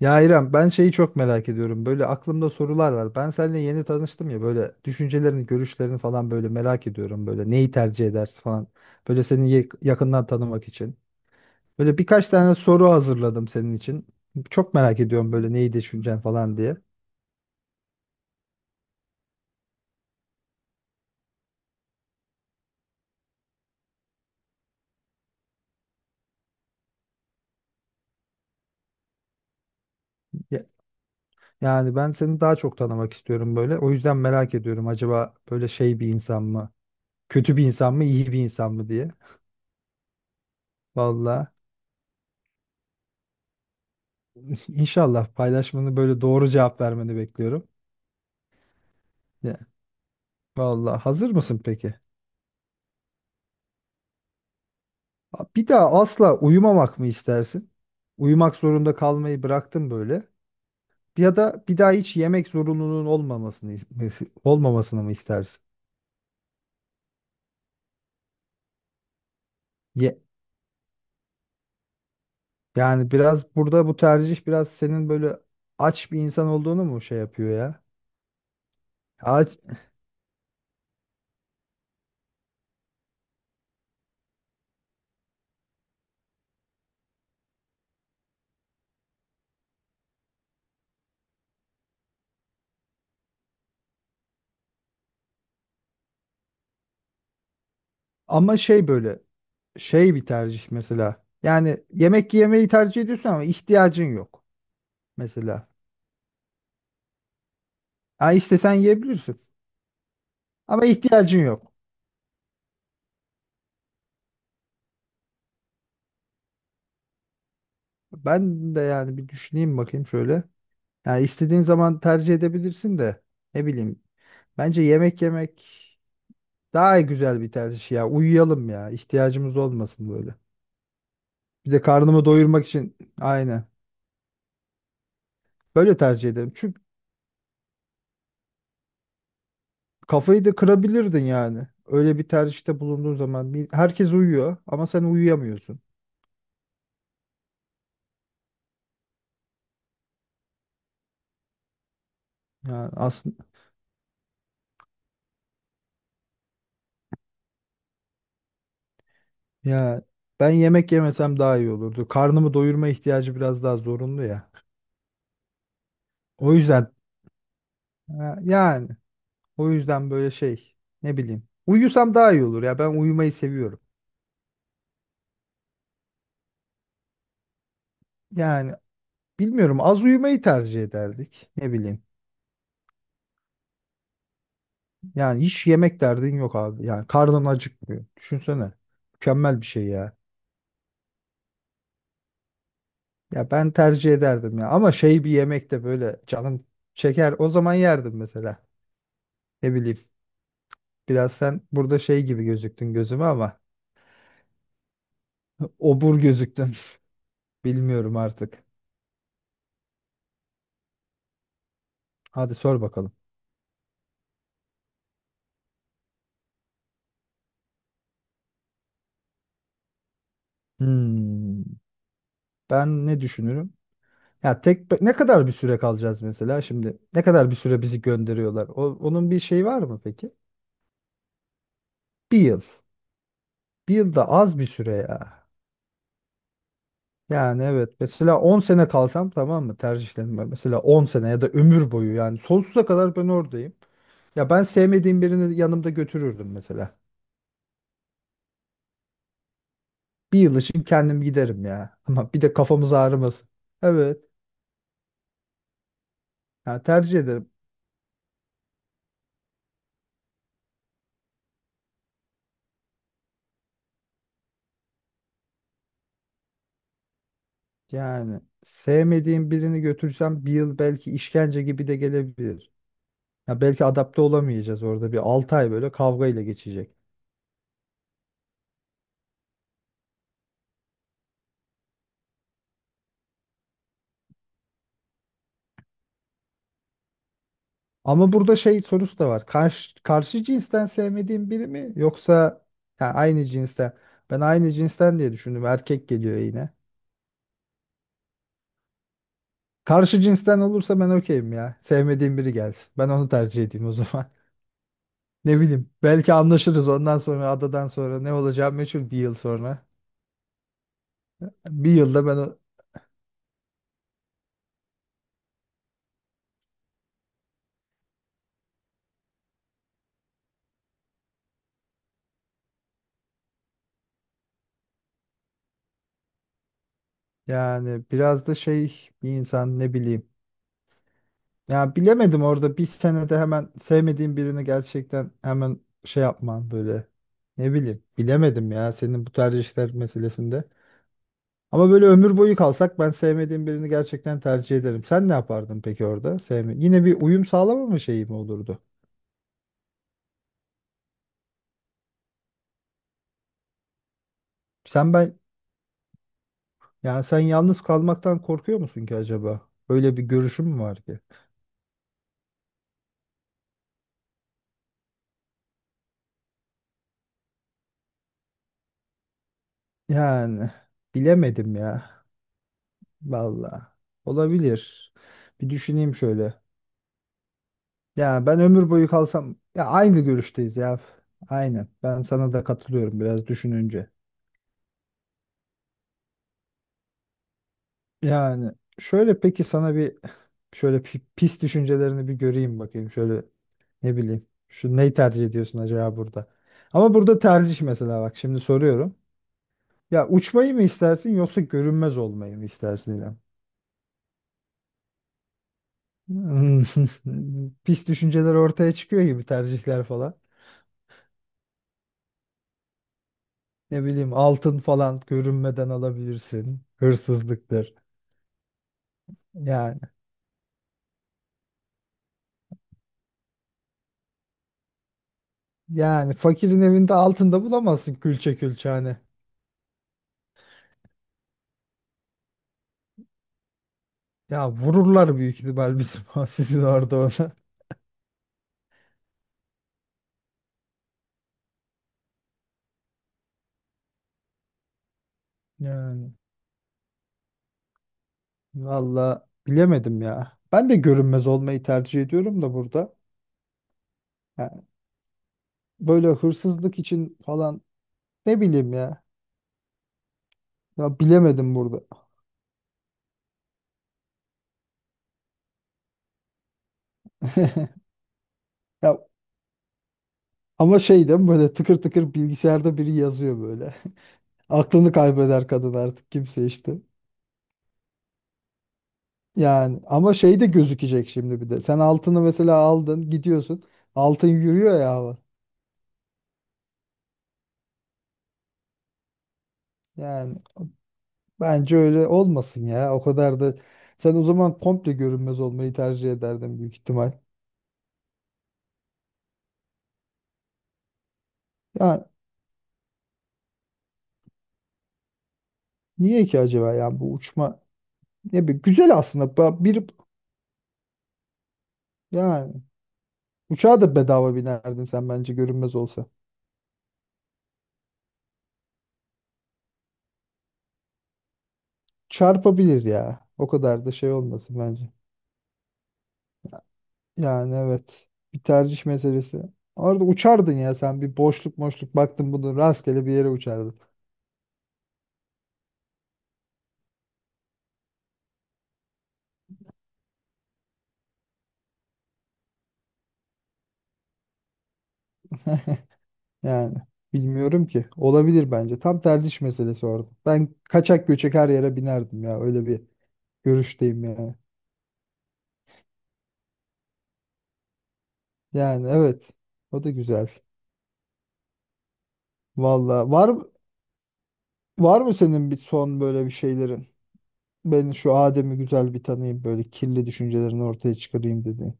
Ya İrem, ben şeyi çok merak ediyorum. Böyle aklımda sorular var. Ben seninle yeni tanıştım ya, böyle düşüncelerini, görüşlerini falan böyle merak ediyorum. Böyle neyi tercih edersin falan. Böyle seni yakından tanımak için. Böyle birkaç tane soru hazırladım senin için. Çok merak ediyorum böyle neyi düşüneceksin falan diye. Ya- Yani ben seni daha çok tanımak istiyorum böyle. O yüzden merak ediyorum acaba böyle şey bir insan mı? Kötü bir insan mı, iyi bir insan mı diye. Valla inşallah paylaşmanı böyle, doğru cevap vermeni bekliyorum. Vallahi hazır mısın peki? Bir daha asla uyumamak mı istersin? Uyumak zorunda kalmayı bıraktın böyle. Ya da bir daha hiç yemek zorunluluğun olmamasını mı istersin? Ye, yani biraz burada bu tercih biraz senin böyle aç bir insan olduğunu mu şey yapıyor ya? Aç, ama şey böyle, şey bir tercih mesela. Yani yemek yemeyi tercih ediyorsun ama ihtiyacın yok mesela. Ha, istesen yiyebilirsin ama ihtiyacın yok. Ben de yani bir düşüneyim bakayım şöyle. Yani istediğin zaman tercih edebilirsin de, ne bileyim. Bence yemek yemek daha güzel bir tercih ya. Uyuyalım ya, ihtiyacımız olmasın böyle. Bir de karnımı doyurmak için, aynen. Böyle tercih ederim. Çünkü kafayı da kırabilirdin yani. Öyle bir tercihte bulunduğun zaman herkes uyuyor ama sen uyuyamıyorsun. Yani aslında, ya ben yemek yemesem daha iyi olurdu. Karnımı doyurma ihtiyacı biraz daha zorunlu ya. O yüzden ha, yani O yüzden böyle şey, ne bileyim. Uyusam daha iyi olur ya, ben uyumayı seviyorum. Yani bilmiyorum, az uyumayı tercih ederdik, ne bileyim. Yani hiç yemek derdin yok abi. Yani karnın acıkmıyor. Düşünsene. Mükemmel bir şey ya. Ya ben tercih ederdim ya, ama şey, bir yemek de böyle canım çeker, o zaman yerdim mesela. Ne bileyim. Biraz sen burada şey gibi gözüktün gözüme ama obur gözüktün. Bilmiyorum artık. Hadi sor bakalım. Hmm, Ben ne düşünürüm? Ya tek ne kadar bir süre kalacağız mesela şimdi? Ne kadar bir süre bizi gönderiyorlar? Onun bir şey var mı peki? Bir yıl. Bir yıl da az bir süre ya. Yani evet, mesela 10 sene kalsam, tamam mı, tercihlerim var. Mesela 10 sene ya da ömür boyu, yani sonsuza kadar ben oradayım. Ya ben sevmediğim birini yanımda götürürdüm mesela. Bir yıl için kendim giderim ya. Ama bir de kafamız ağrımasın. Evet. Ya tercih ederim. Yani sevmediğim birini götürsem bir yıl belki işkence gibi de gelebilir. Ya belki adapte olamayacağız, orada bir 6 ay böyle kavga ile geçecek. Ama burada şey sorusu da var. Karşı cinsten sevmediğim biri mi, yoksa ya aynı cinsten? Ben aynı cinsten diye düşündüm. Erkek geliyor yine. Karşı cinsten olursa ben okeyim ya. Sevmediğim biri gelsin. Ben onu tercih edeyim o zaman. Ne bileyim. Belki anlaşırız, ondan sonra adadan sonra ne olacağı meçhul bir yıl sonra. Bir yılda ben yani biraz da şey bir insan, ne bileyim. Ya bilemedim, orada bir senede hemen sevmediğin birini gerçekten hemen şey yapman böyle. Ne bileyim, bilemedim ya senin bu tercihler meselesinde. Ama böyle ömür boyu kalsak ben sevmediğim birini gerçekten tercih ederim. Sen ne yapardın peki orada? Sevme. Yine bir uyum sağlamama şeyi mi olurdu? Sen ben yani sen yalnız kalmaktan korkuyor musun ki acaba? Öyle bir görüşüm mü var ki? Yani bilemedim ya. Valla olabilir. Bir düşüneyim şöyle. Ya ben ömür boyu kalsam, ya aynı görüşteyiz ya. Aynen. Ben sana da katılıyorum biraz düşününce. Yani şöyle, peki sana bir şöyle pis düşüncelerini bir göreyim bakayım. Şöyle, ne bileyim. Şu neyi tercih ediyorsun acaba burada? Ama burada tercih, mesela bak şimdi soruyorum. Ya uçmayı mı istersin, yoksa görünmez olmayı mı istersin İrem? Hmm, Pis düşünceler ortaya çıkıyor gibi, tercihler falan. Ne bileyim, altın falan görünmeden alabilirsin. Hırsızlıktır. Yani, fakirin evinde altında bulamazsın külçe külçe hani. Ya vururlar büyük ihtimal bizim sizin orada ona. Yani valla bilemedim ya. Ben de görünmez olmayı tercih ediyorum da burada. Yani böyle hırsızlık için falan, ne bileyim ya. Ya bilemedim burada. Ya ama şey değil mi, böyle tıkır tıkır bilgisayarda biri yazıyor böyle. Aklını kaybeder kadın artık, kimse işte. Yani ama şey de gözükecek şimdi bir de. Sen altını mesela aldın, gidiyorsun. Altın yürüyor ya hava. Yani bence öyle olmasın ya. O kadar da, sen o zaman komple görünmez olmayı tercih ederdin büyük ihtimal. Ya niye ki acaba ya, bu uçma ne bir güzel aslında. Ba- Bir yani uçağa da bedava binerdin sen bence, görünmez olsa. Çarpabilir ya. O kadar da şey olmasın bence. Yani evet. Bir tercih meselesi. Orada uçardın ya sen, bir boşluk boşluk baktın bunu, rastgele bir yere uçardın. Yani bilmiyorum ki. Olabilir bence. Tam tercih meselesi orada. Ben kaçak göçek her yere binerdim ya. Öyle bir görüşteyim yani. Yani evet. O da güzel. Valla, var mı senin bir son böyle bir şeylerin? Ben şu Adem'i güzel bir tanıyayım, böyle kirli düşüncelerini ortaya çıkarayım dedi.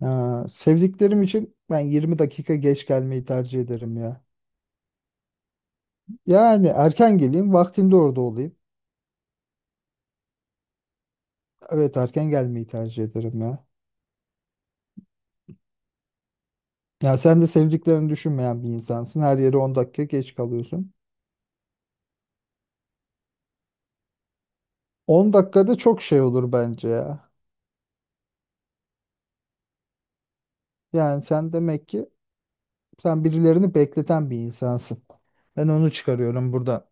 Ha, sevdiklerim için ben 20 dakika geç gelmeyi tercih ederim ya. Yani erken geleyim, vaktinde orada olayım. Evet, erken gelmeyi tercih ederim ya. Ya sen de sevdiklerini düşünmeyen bir insansın. Her yere 10 dakika geç kalıyorsun. 10 dakikada çok şey olur bence ya. Yani sen demek ki sen birilerini bekleten bir insansın. Ben onu çıkarıyorum burada.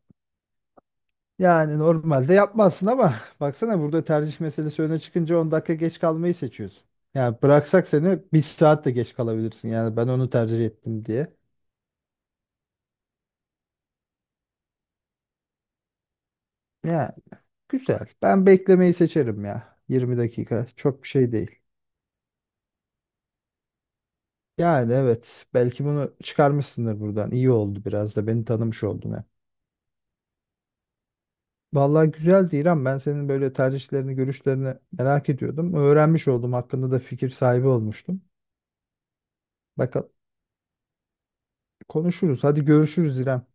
Yani normalde yapmazsın ama baksana, burada tercih meselesi öne çıkınca 10 dakika geç kalmayı seçiyorsun. Yani bıraksak seni bir saat de geç kalabilirsin. Yani ben onu tercih ettim diye. Ya güzel. Ben beklemeyi seçerim ya. 20 dakika çok bir şey değil. Yani evet, belki bunu çıkarmışsındır buradan. İyi oldu, biraz da beni tanımış oldun. Vallahi güzeldi İrem. Ben senin böyle tercihlerini, görüşlerini merak ediyordum. Öğrenmiş oldum. Hakkında da fikir sahibi olmuştum. Bakalım, konuşuruz. Hadi görüşürüz İrem.